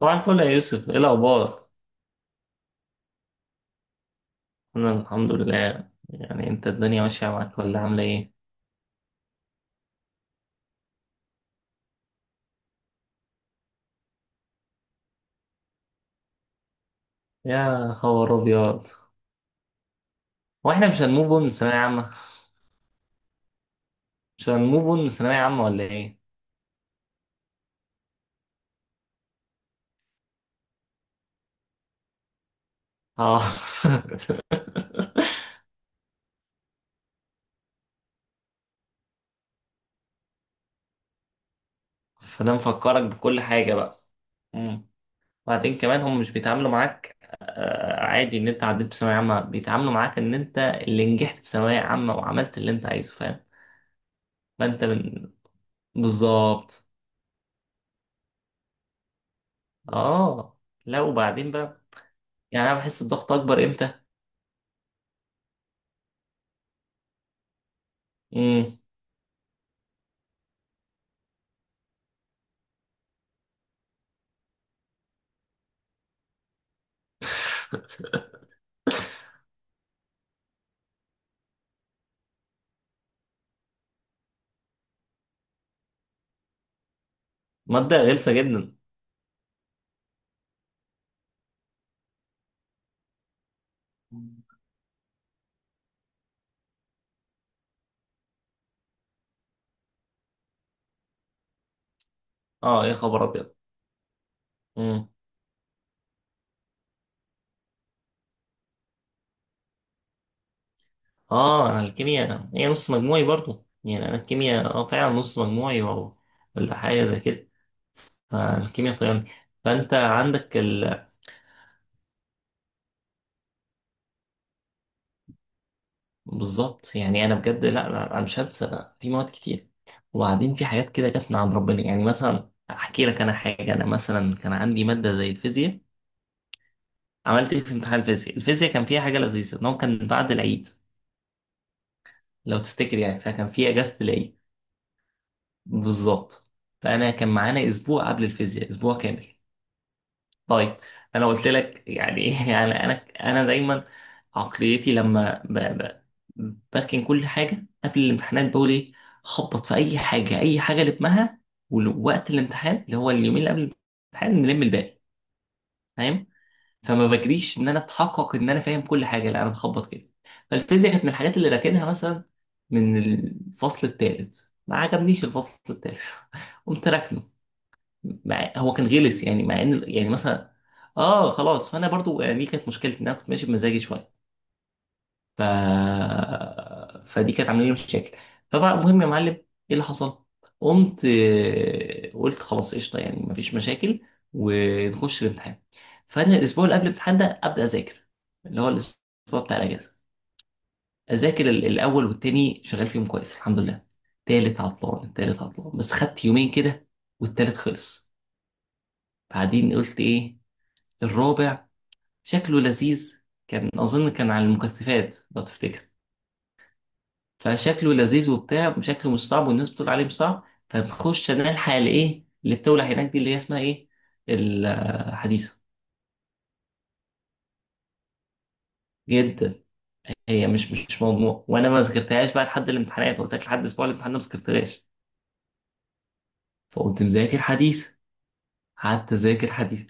طبعا الفل يا يوسف ايه الاخبار. انا الحمد لله. يعني انت الدنيا ماشيه معاك ولا عامله ايه؟ يا خبر ابيض. هو احنا مش هنموف اون من ثانويه عامه؟ مش هنموف اون من ثانويه عامه ولا ايه؟ اه فده مفكرك بكل حاجه بقى. مم. وبعدين كمان هم مش بيتعاملوا معاك. عادي ان انت عديت في ثانويه عامه بيتعاملوا معاك ان انت اللي نجحت في ثانويه عامه وعملت اللي انت عايزه، فاهم. فانت من. بالظبط. اه. لا وبعدين بقى، يعني انا بحس بضغط اكبر امتى. امم. ماده غلسه جدا. اه يا خبر ابيض. امم. اه انا الكيمياء هي نص مجموعي برضو، يعني انا الكيمياء اه فعلا نص مجموعي او ولا حاجه زي كده. فالكيمياء طيرني. فانت عندك ال... بالظبط. يعني انا بجد لا لا، انا مش هنسى في مواد كتير. وبعدين في حاجات كده جت من عند ربنا. يعني مثلا احكي لك انا حاجه، انا مثلا كان عندي ماده زي الفيزياء. عملت ايه في امتحان الفيزياء؟ الفيزياء كان فيها حاجه لذيذه، ان هو كان بعد العيد لو تفتكر. يعني فكان في اجازه العيد. بالظبط. فانا كان معانا اسبوع قبل الفيزياء، اسبوع كامل. طيب. انا قلت لك يعني يعني انا انا دايما عقليتي لما بركن كل حاجه قبل الامتحانات، بقول ايه، خبط في اي حاجه، اي حاجه لمها. ووقت الامتحان اللي هو اليومين اللي قبل الامتحان، نلم الباقي، فاهم. فما بجريش ان انا اتحقق ان انا فاهم كل حاجه، لا انا بخبط كده. فالفيزياء كانت من الحاجات اللي راكنها، مثلا من الفصل الثالث. ما عجبنيش الفصل الثالث قمت راكنه. مع... هو كان غلس يعني، مع ان يعني مثلا اه خلاص. فانا برضو يعني دي كانت مشكلتي، ان انا كنت ماشي بمزاجي شويه. ف... فدي كانت عامله لي مشاكل. طبعا المهم يا معلم ايه اللي حصل، قمت قلت خلاص قشطه يعني مفيش مشاكل، ونخش الامتحان. فانا الاسبوع اللي قبل الامتحان ده ابدا اذاكر، اللي هو الاسبوع بتاع الاجازه. اذاكر الاول والتاني، شغال فيهم كويس الحمد لله. تالت عطلان التالت عطلان، بس خدت يومين كده والتالت خلص. بعدين قلت ايه، الرابع شكله لذيذ. كان اظن كان على المكثفات لو تفتكر. فشكله لذيذ وبتاع، شكله مش صعب والناس بتقول عليه مش صعب. فبخش انا الحق الايه اللي بتولع هناك دي، اللي هي اسمها ايه، الحديثه. جدا. هي مش موضوع، وانا ما ذاكرتهاش بقى لحد الامتحانات، قلت لك لحد اسبوع الامتحان ده ما ذاكرتهاش. فقمت مذاكر حديث، قعدت اذاكر حديث.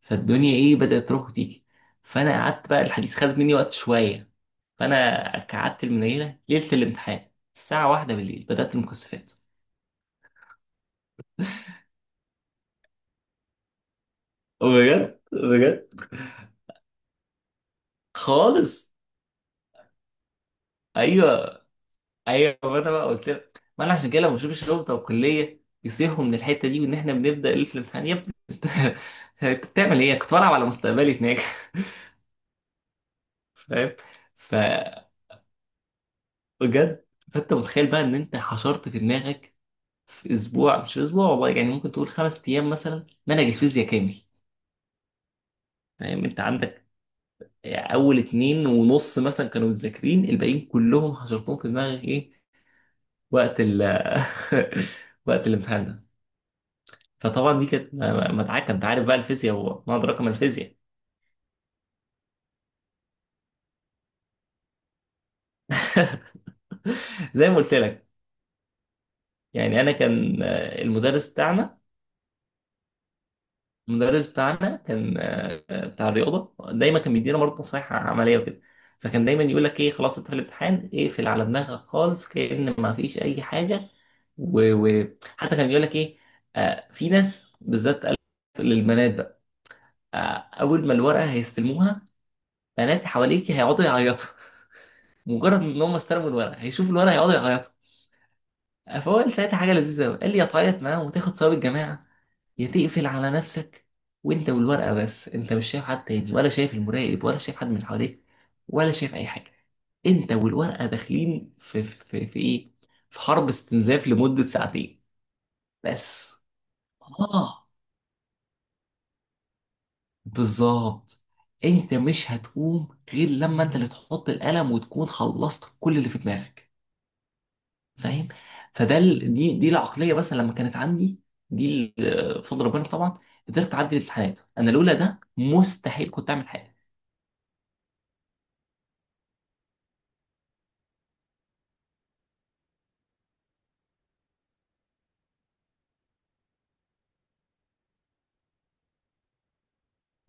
فالدنيا ايه بدات تروح وتيجي. فانا قعدت بقى الحديث خدت مني وقت شويه. فانا قعدت المنيله ليله الامتحان، الساعه 1 بالليل بدات المكثفات. بجد. خالص. ايوه ايوه، ما انا بقى قلت لك، ما انا عشان كده لما بشوف الشرطه والكليه يصيحوا من الحته دي، وان احنا بنبدا ليله الامتحان يا ابني انت بتعمل ايه؟ كنت بلعب على مستقبلي هناك فاهم؟ ف بجد. فانت متخيل بقى ان انت حشرت في دماغك في اسبوع، مش في اسبوع والله، يعني ممكن تقول 5 ايام مثلا، منهج الفيزياء كامل. فاهم؟ انت عندك اول اتنين ونص مثلا كانوا مذاكرين، الباقيين كلهم حشرتهم في دماغك ايه؟ وقت ال وقت الامتحان ده. فطبعا دي كانت مدعكه. انت عارف بقى الفيزياء وما ادراك ما الفيزياء. زي ما قلت لك. يعني انا كان المدرس بتاعنا، كان بتاع الرياضه، دايما كان بيدينا برضه نصايح عمليه وكده. فكان دايما يقول لك ايه، خلاص انت في الامتحان اقفل على دماغك خالص، كأن ما فيش اي حاجه. وحتى كان بيقول لك ايه، في ناس بالذات، قال للبنات بقى، آه، اول ما الورقه هيستلموها، بنات حواليك هيقعدوا يعيطوا مجرد ان هم استلموا الورقه هيشوفوا الورقه هيقعدوا يعيطوا. فهو قال ساعتها حاجه لذيذه قوي، قال لي يا تعيط معاه وتاخد ثواب الجماعه، يا تقفل على نفسك وانت والورقه بس، انت مش شايف حد تاني ولا شايف المراقب ولا شايف حد من حواليك ولا شايف اي حاجه. انت والورقه داخلين في ايه، في حرب استنزاف لمده ساعتين بس. اه. بالظبط. انت مش هتقوم غير لما انت اللي تحط القلم وتكون خلصت كل اللي في دماغك، فاهم. فده ال... دي العقليه مثلا لما كانت عندي، بفضل ربنا طبعا قدرت اعدي الامتحانات. انا لولا ده مستحيل كنت اعمل حاجه.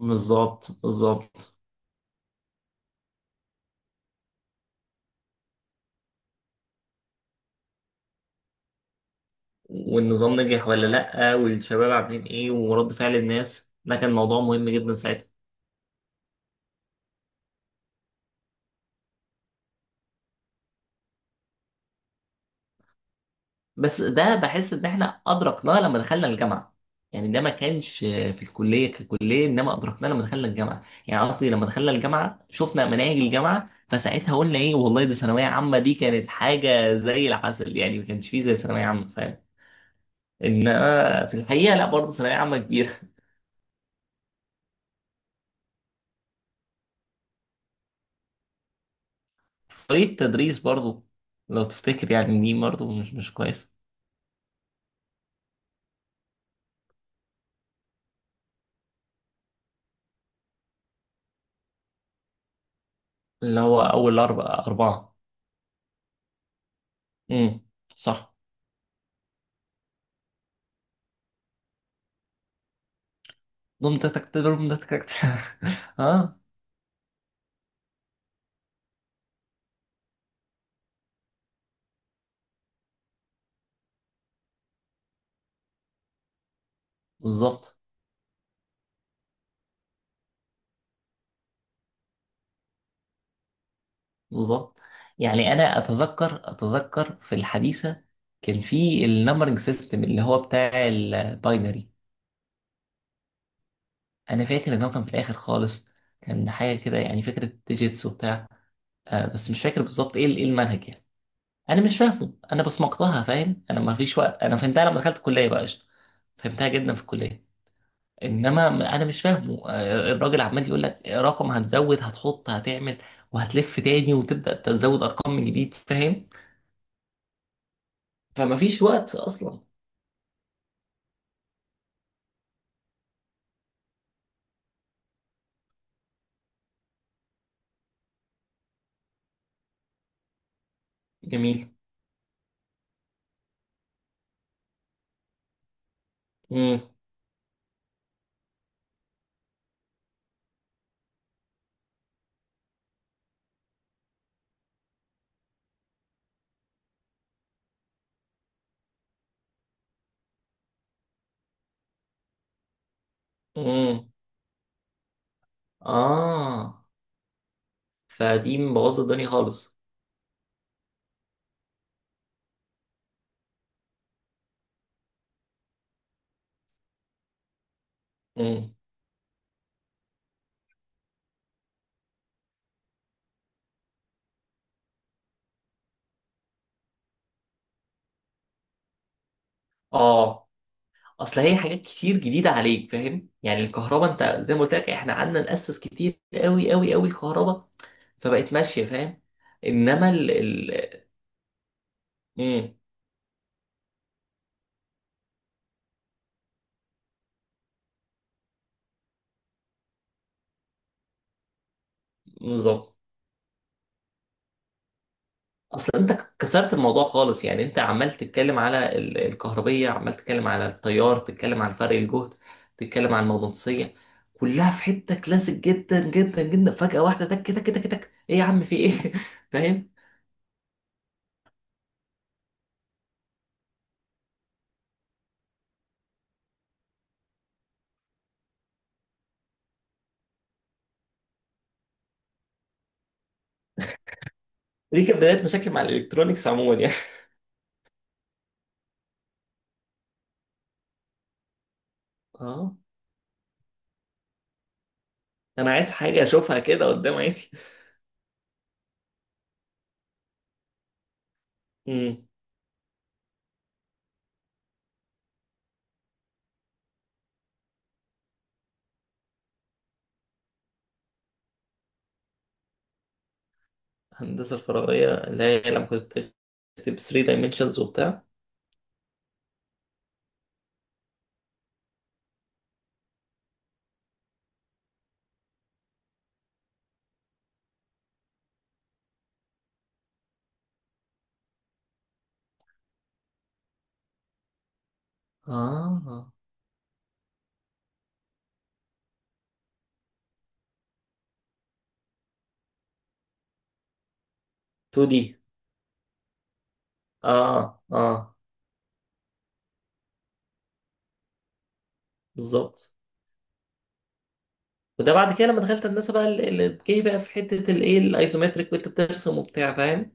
بالظبط. والنظام نجح ولا لأ، والشباب عاملين ايه، ورد فعل الناس، ده كان موضوع مهم جدا ساعتها. بس ده بحس ان احنا ادركناه لما دخلنا الجامعه. يعني ده ما كانش في الكليه ككليه، انما ادركناه لما دخلنا الجامعه. يعني قصدي لما دخلنا الجامعه شفنا مناهج الجامعه، فساعتها قلنا ايه والله دي ثانويه عامه دي كانت حاجه زي العسل. يعني ما كانش فيه زي ثانويه عامه، فاهم. انما في الحقيقه لا، برضه ثانويه عامه كبيره. طريقه التدريس برضه لو تفتكر، يعني دي برضه مش كويسه. اللي هو اول اربعه اربعه. امم. صح. ضم تك تك ضم تك تك اه. بالظبط بالظبط. يعني انا اتذكر في الحديثه، كان في النمبرنج سيستم اللي هو بتاع الباينري. انا فاكر ان هو كان في الاخر خالص. كان حاجه كده يعني فكره ديجيتس وبتاع. آه بس مش فاكر بالظبط ايه ايه المنهج يعني. انا مش فاهمه، انا بصمجتها، فاهم، انا ما فيش وقت. انا فهمتها لما دخلت الكليه بقى قشطه. فهمتها جدا في الكليه. انما انا مش فاهمه، الراجل عمال يقول لك رقم هتزود هتحط هتعمل، وهتلف تاني وتبدا تزود ارقام من جديد، فاهم. فما فيش وقت اصلا. جميل. امم. امم. اه. فدي مبوظه الدنيا خالص. امم. اه. اصل هي حاجات كتير جديده عليك، فاهم. يعني الكهرباء انت زي ما قلت لك احنا قعدنا ناسس كتير قوي الكهرباء، فبقت ماشيه، فاهم. انما ال امم. بالظبط. اصل انت كسرت الموضوع خالص. يعني انت عمال تتكلم على الكهربية، عمال تتكلم على التيار، تتكلم عن فرق الجهد، تتكلم عن المغناطيسية، كلها في حتة كلاسيك جدا، فجأة واحدة تك تك تك تك ايه يا عم في ايه فاهم. دي كانت بداية مشاكل مع الالكترونيكس عموما يعني. اه انا عايز حاجة اشوفها كده قدام عيني امم. الهندسة الفراغية، اللي هي لما كنت بتكتب 3 dimensions وبتاع. اه. 2D. اه اه. بالظبط. وده بعد كده لما دخلت هندسه بقى جه بقى في حته الايه الايزومتريك، وانت بترسم وبتاع، فاهم.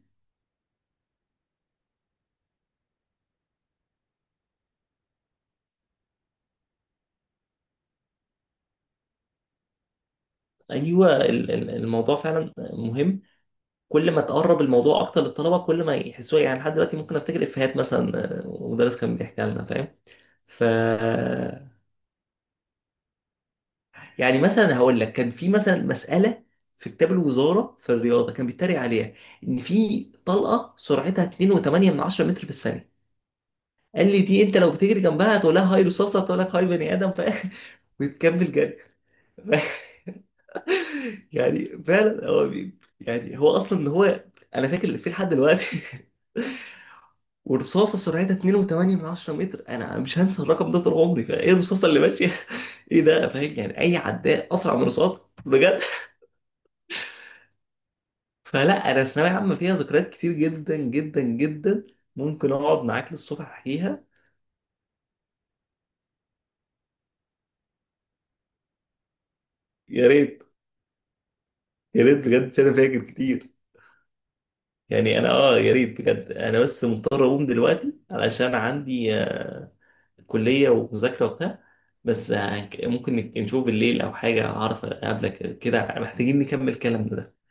ايوه. الموضوع فعلا مهم. كل ما تقرب الموضوع اكتر للطلبه، كل ما يحسوه. يعني لحد دلوقتي ممكن افتكر افيهات مثلا، مدرس كان بيحكيها لنا، فاهم. ف يعني مثلا هقول لك كان في مثلا مساله في كتاب الوزاره في الرياضه، كان بيتريق عليها ان في طلقه سرعتها 2.8 من 10 متر في الثانيه. قال لي دي انت لو بتجري جنبها هتقول لها هاي رصاصه، هتقول لك هاي بني ادم، فاهم وتكمل جري يعني فعلا هو بي... يعني هو اصلا ان هو انا فاكر اللي فيه لحد دلوقتي ورصاصه سرعتها 2.8 من 10 متر، انا مش هنسى الرقم ده طول عمري. فايه الرصاصه اللي ماشيه ايه ده، فاهم. يعني اي عداء اسرع من رصاص، بجد. فلا انا ثانويه عامه فيها ذكريات كتير جدا. ممكن اقعد معاك للصبح احكيها. يا ريت. يا ريت بجد انا فاكر كتير. يعني انا اه يا ريت بجد. انا بس مضطر اقوم دلوقتي، علشان عندي كلية ومذاكرة وبتاع. بس ممكن نشوف بالليل أو حاجة أعرف أقابلك كده، محتاجين نكمل كلامنا ده.